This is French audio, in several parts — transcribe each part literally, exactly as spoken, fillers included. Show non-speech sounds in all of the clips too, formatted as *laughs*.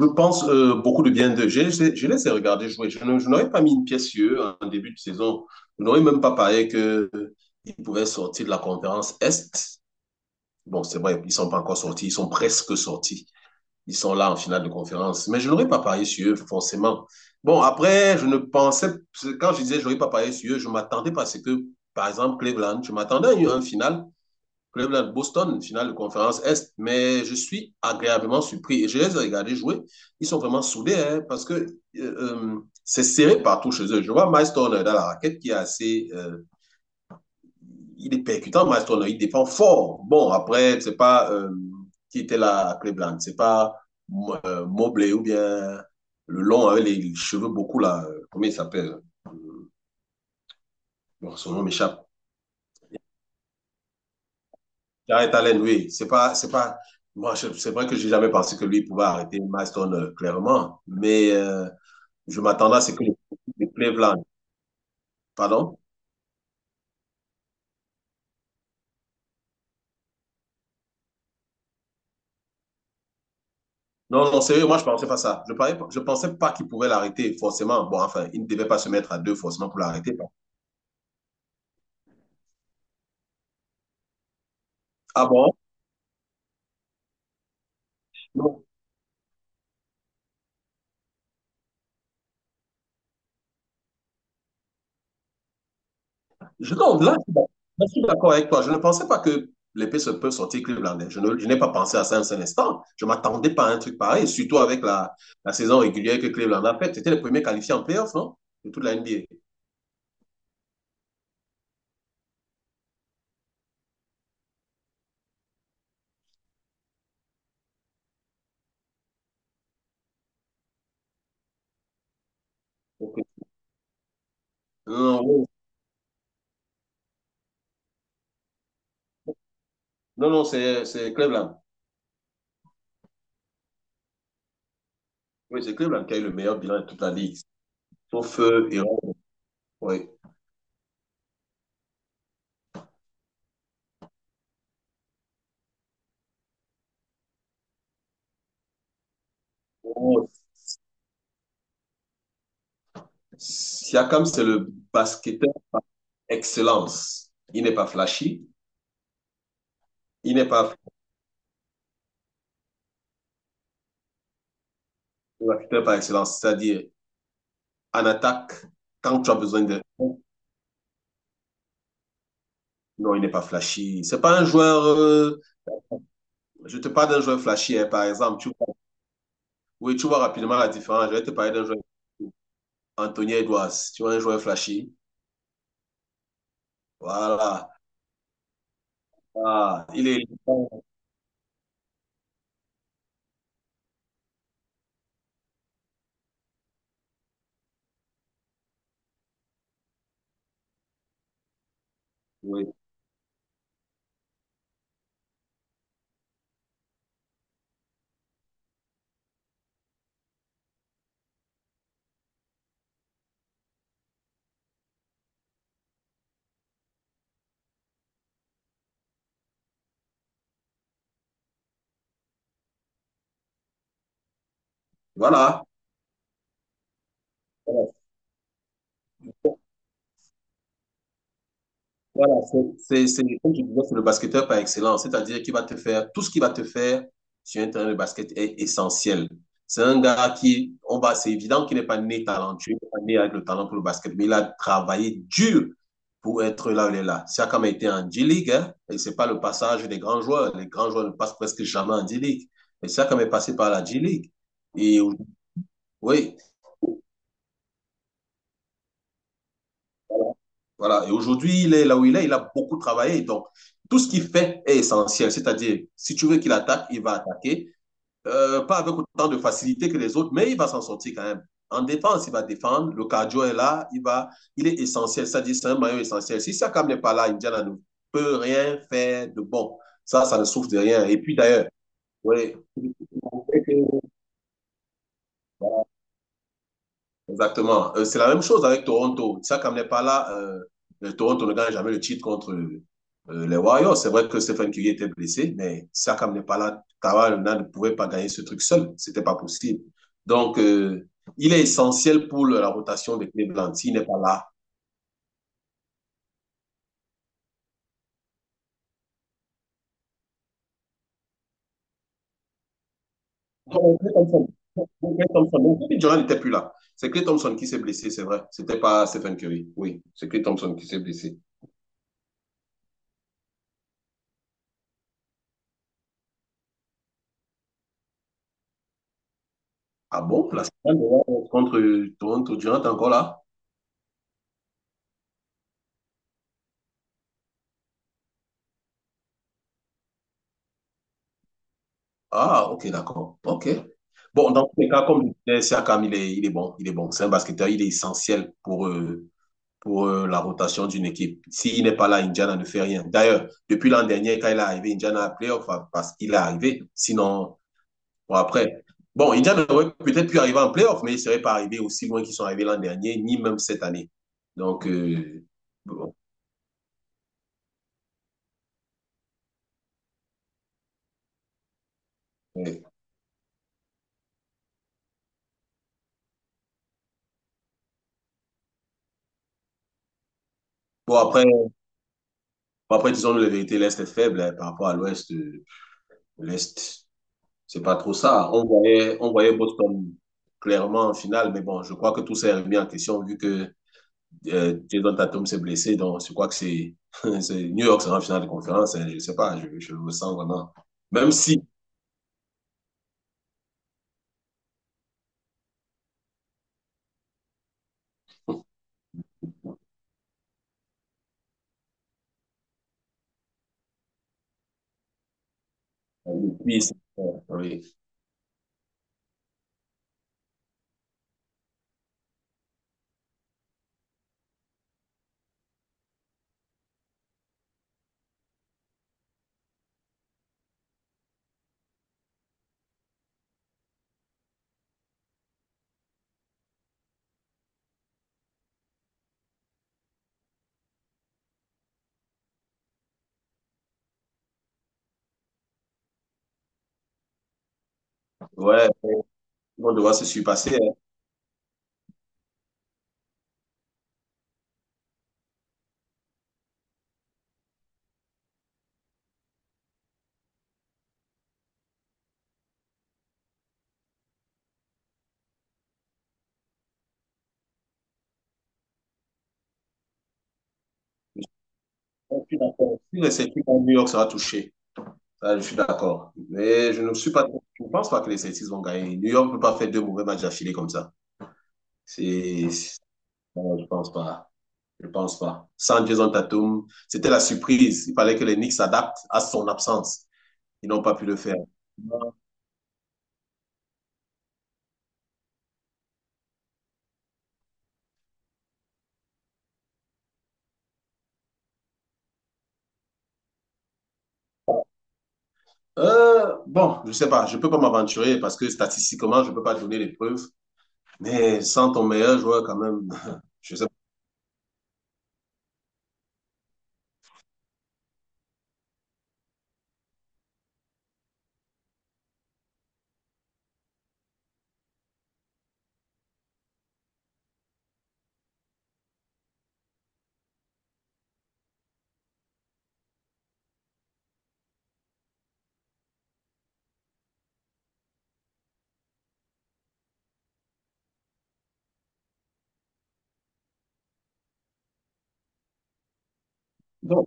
Je pense euh, beaucoup de bien d'eux. Je, je- je les ai regardés jouer. Je ne- je n'aurais pas mis une pièce sur eux en début de saison. Je n'aurais même pas parlé qu'ils pouvaient sortir de la conférence Est. Bon, c'est vrai, ils ne sont pas encore sortis. Ils sont presque sortis. Ils sont là en finale de conférence. Mais je n'aurais pas parié sur eux, forcément. Bon, après, je ne pensais, quand je disais je n'aurais pas parié sur eux, je m'attendais parce que, par exemple, Cleveland, je m'attendais à une, à une finale. Cleveland-Boston, finale de conférence Est. Mais je suis agréablement surpris. Et je les ai regardés jouer. Ils sont vraiment soudés hein, parce que euh, euh, c'est serré partout chez eux. Je vois Miles Turner dans la raquette qui est assez euh, il est percutant, Maston. Il défend fort. Bon, après, c'est pas euh, qui était là à Cleveland. C'est pas euh, Mobley ou bien le long avec les cheveux beaucoup là. euh, Comment il s'appelle bon, son nom m'échappe. Jared Allen, oui. C'est pas, c'est pas. Moi, je- c'est vrai que j'ai jamais pensé que lui pouvait arrêter Maston euh, clairement, mais euh, je m'attendais à ce que le le Cleveland. Pardon. Non, non, sérieux, moi je pensais pas ça. Je parlais, je pensais pas qu'il pouvait l'arrêter forcément. Bon, enfin, il ne devait pas se mettre à deux forcément pour l'arrêter. Ah bon? Je, non, là, je suis d'accord avec toi. Je ne pensais pas que l'épée se peut sortir Clevelandais. Je ne- je n'ai pas pensé à ça un seul instant. Je ne m'attendais pas à un truc pareil, surtout avec la, la saison régulière que Cleveland a faite. C'était le premier qualifié en playoff, non? De toute la N B A. Donc, euh, non, oui. non, non, c'est c'est Cleveland. Oui, c'est Cleveland qui a eu le meilleur bilan de toute la ligue. Sauf euh, Iran. Oui. Oh, Siakam, c'est le basketteur par excellence. Il n'est pas flashy. Il n'est pas ouais, basketteur par excellence. C'est-à-dire, en attaque quand tu as besoin de. Non, il n'est pas flashy. C'est pas un joueur. euh, Je te parle d'un joueur flashy, hein, par exemple. Tu vois, oui, tu vois rapidement la différence. Je vais te parler d'un joueur. Anthony Edwards, tu vois, un joueur flashy. Voilà. Ah, il est. Oui. Voilà. Voilà, c'est, c'est, c'est- comme je disais, c'est le basketteur par excellence, c'est-à-dire qu'il va te faire, tout ce qu'il va te faire sur un terrain de basket est essentiel. C'est un gars qui, on va, c'est évident qu'il n'est pas né talentueux, il n'est pas né avec le talent pour le basket, mais il a travaillé dur pour être là où il est là. Siakam a été en G-League, hein, et c'est pas le passage des grands joueurs. Les grands joueurs ne passent presque jamais en G-League. Mais Siakam est passé par la G-League. Et oui, voilà. Et aujourd'hui, il est là où il est, il a beaucoup travaillé. Donc, tout ce qu'il fait est essentiel. C'est-à-dire, si tu veux qu'il attaque, il va attaquer. Euh, pas avec autant de facilité que les autres, mais il va s'en sortir quand même. En défense, il va défendre. Le cardio est là. Il, va, il est essentiel. C'est-à-dire, c'est un maillot essentiel. Si Siakam n'est pas là, Indiana ne peut rien faire de bon. Ça, ça ne souffre de rien. Et puis d'ailleurs, ouais, exactement. Euh, c'est la même chose avec Toronto. Siakam n'est pas là. Euh, le Toronto ne gagne jamais le titre contre euh, euh, les Warriors. C'est vrai que Stephen Curry était blessé, mais Siakam n'est pas là. Kawhi Leonard ne pouvait pas gagner ce truc seul. C'était pas possible. Donc, euh, il est essentiel pour le- la rotation de Cleveland. S'il n'est pas là. Donc, Klay Thompson. Donc, Klay Thompson. Donc, Kevin Durant n'était plus là. C'est Klay Thompson qui s'est blessé, c'est vrai. C'était pas Stephen Curry. Oui, c'est Klay Thompson qui s'est blessé. Ah bon? La finale de Warriors contre euh, Toronto, Durant est encore là? Ah, ok, d'accord. Ok. Bon, dans tous les cas, comme je disais, Siakam, il est, il est bon. Il est bon. C'est un basketteur, il est essentiel pour, euh, pour euh, la rotation d'une équipe. S'il n'est pas là, Indiana ne fait rien. D'ailleurs, depuis l'an dernier, quand il est arrivé, Indiana a playoff enfin, parce qu'il est arrivé. Sinon, bon, après. Bon, Indiana aurait peut-être pu arriver en playoff, mais il ne serait pas arrivé aussi loin qu'ils sont arrivés l'an dernier, ni même cette année. Donc, euh, bon, ouais. Bon, après, bon, après disons-nous la vérité, l'Est est faible hein, par rapport à l'Ouest. euh, L'Est. C'est pas trop ça. On voyait, on voyait Boston clairement en finale, mais bon, je crois que tout s'est remis en question vu que euh, Jason Tatum s'est blessé. Donc, je crois que c'est *laughs* c'est- New York sera en finale de conférence. Hein, je sais pas, je, je le sens vraiment. Même si, oui, c'est- oui. Ouais, on devra se surpasser. Hein. Je suis d'accord. Si les Celtics gagnent, New York sera touché. Ça, je suis d'accord. Mais je ne suis pas, je ne pense pas que les Celtics vont gagner. New York ne peut pas faire deux mauvais matchs d'affilée comme ça. C'est, non, je pense pas. Je ne pense pas. Sans en Tatum, c'était la surprise. Il fallait que les Knicks s'adaptent à son absence. Ils n'ont pas pu le faire. Euh, bon, je ne sais pas, je ne peux pas m'aventurer parce que statistiquement, je ne peux pas donner les preuves. Mais sans ton meilleur joueur, quand même, *laughs* je sais pas. Bon,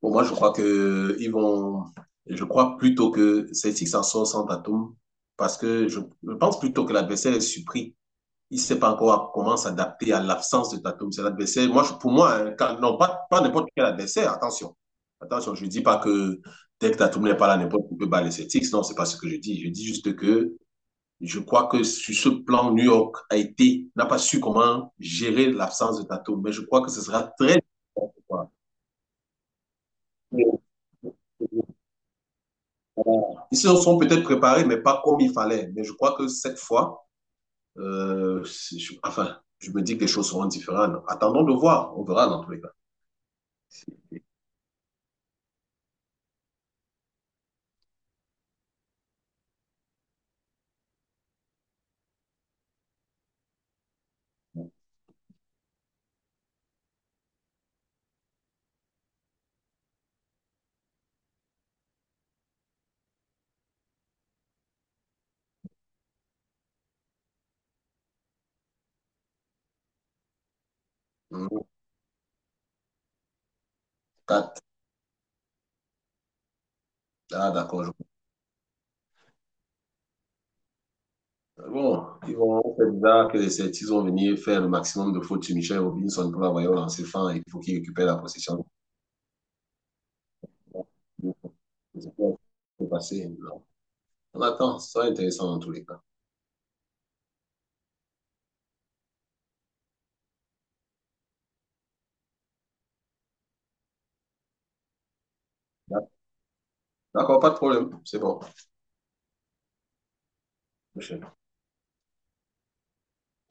pour moi, je crois que ils vont. Je crois plutôt que Celtics en sort sans Tatum parce que je, je pense plutôt que l'adversaire est surpris, il ne sait pas encore comment s'adapter à l'absence de Tatum. C'est l'adversaire. Moi, pour moi, hein, non, pas, pas n'importe quel adversaire, attention. Attention, je ne dis pas que dès que Tatum n'est pas là, n'importe qui peut battre les Celtics. Non, ce n'est pas ce que je dis. Je dis juste que je crois que sur ce plan, New York a été, n'a pas su comment gérer l'absence de Tatum. Mais je crois que ce sera très difficile. Ils se sont peut-être préparés, mais pas comme il fallait. Mais je crois que cette fois, euh, je- enfin, je me dis que les choses seront différentes. Attendons de voir. On verra dans tous les cas. Non, quatre. Ah, d'accord. Je- bon, ils vont, on sait déjà que les Celtics vont venir faire le maximum de fautes sur Michel Robinson pour l'envoyer au lancer fin. Et il faut qu'il récupère la possession. Je pas ce passé. Non. On attend. Ça sera intéressant dans tous les cas. D'accord, pas de problème. C'est bon.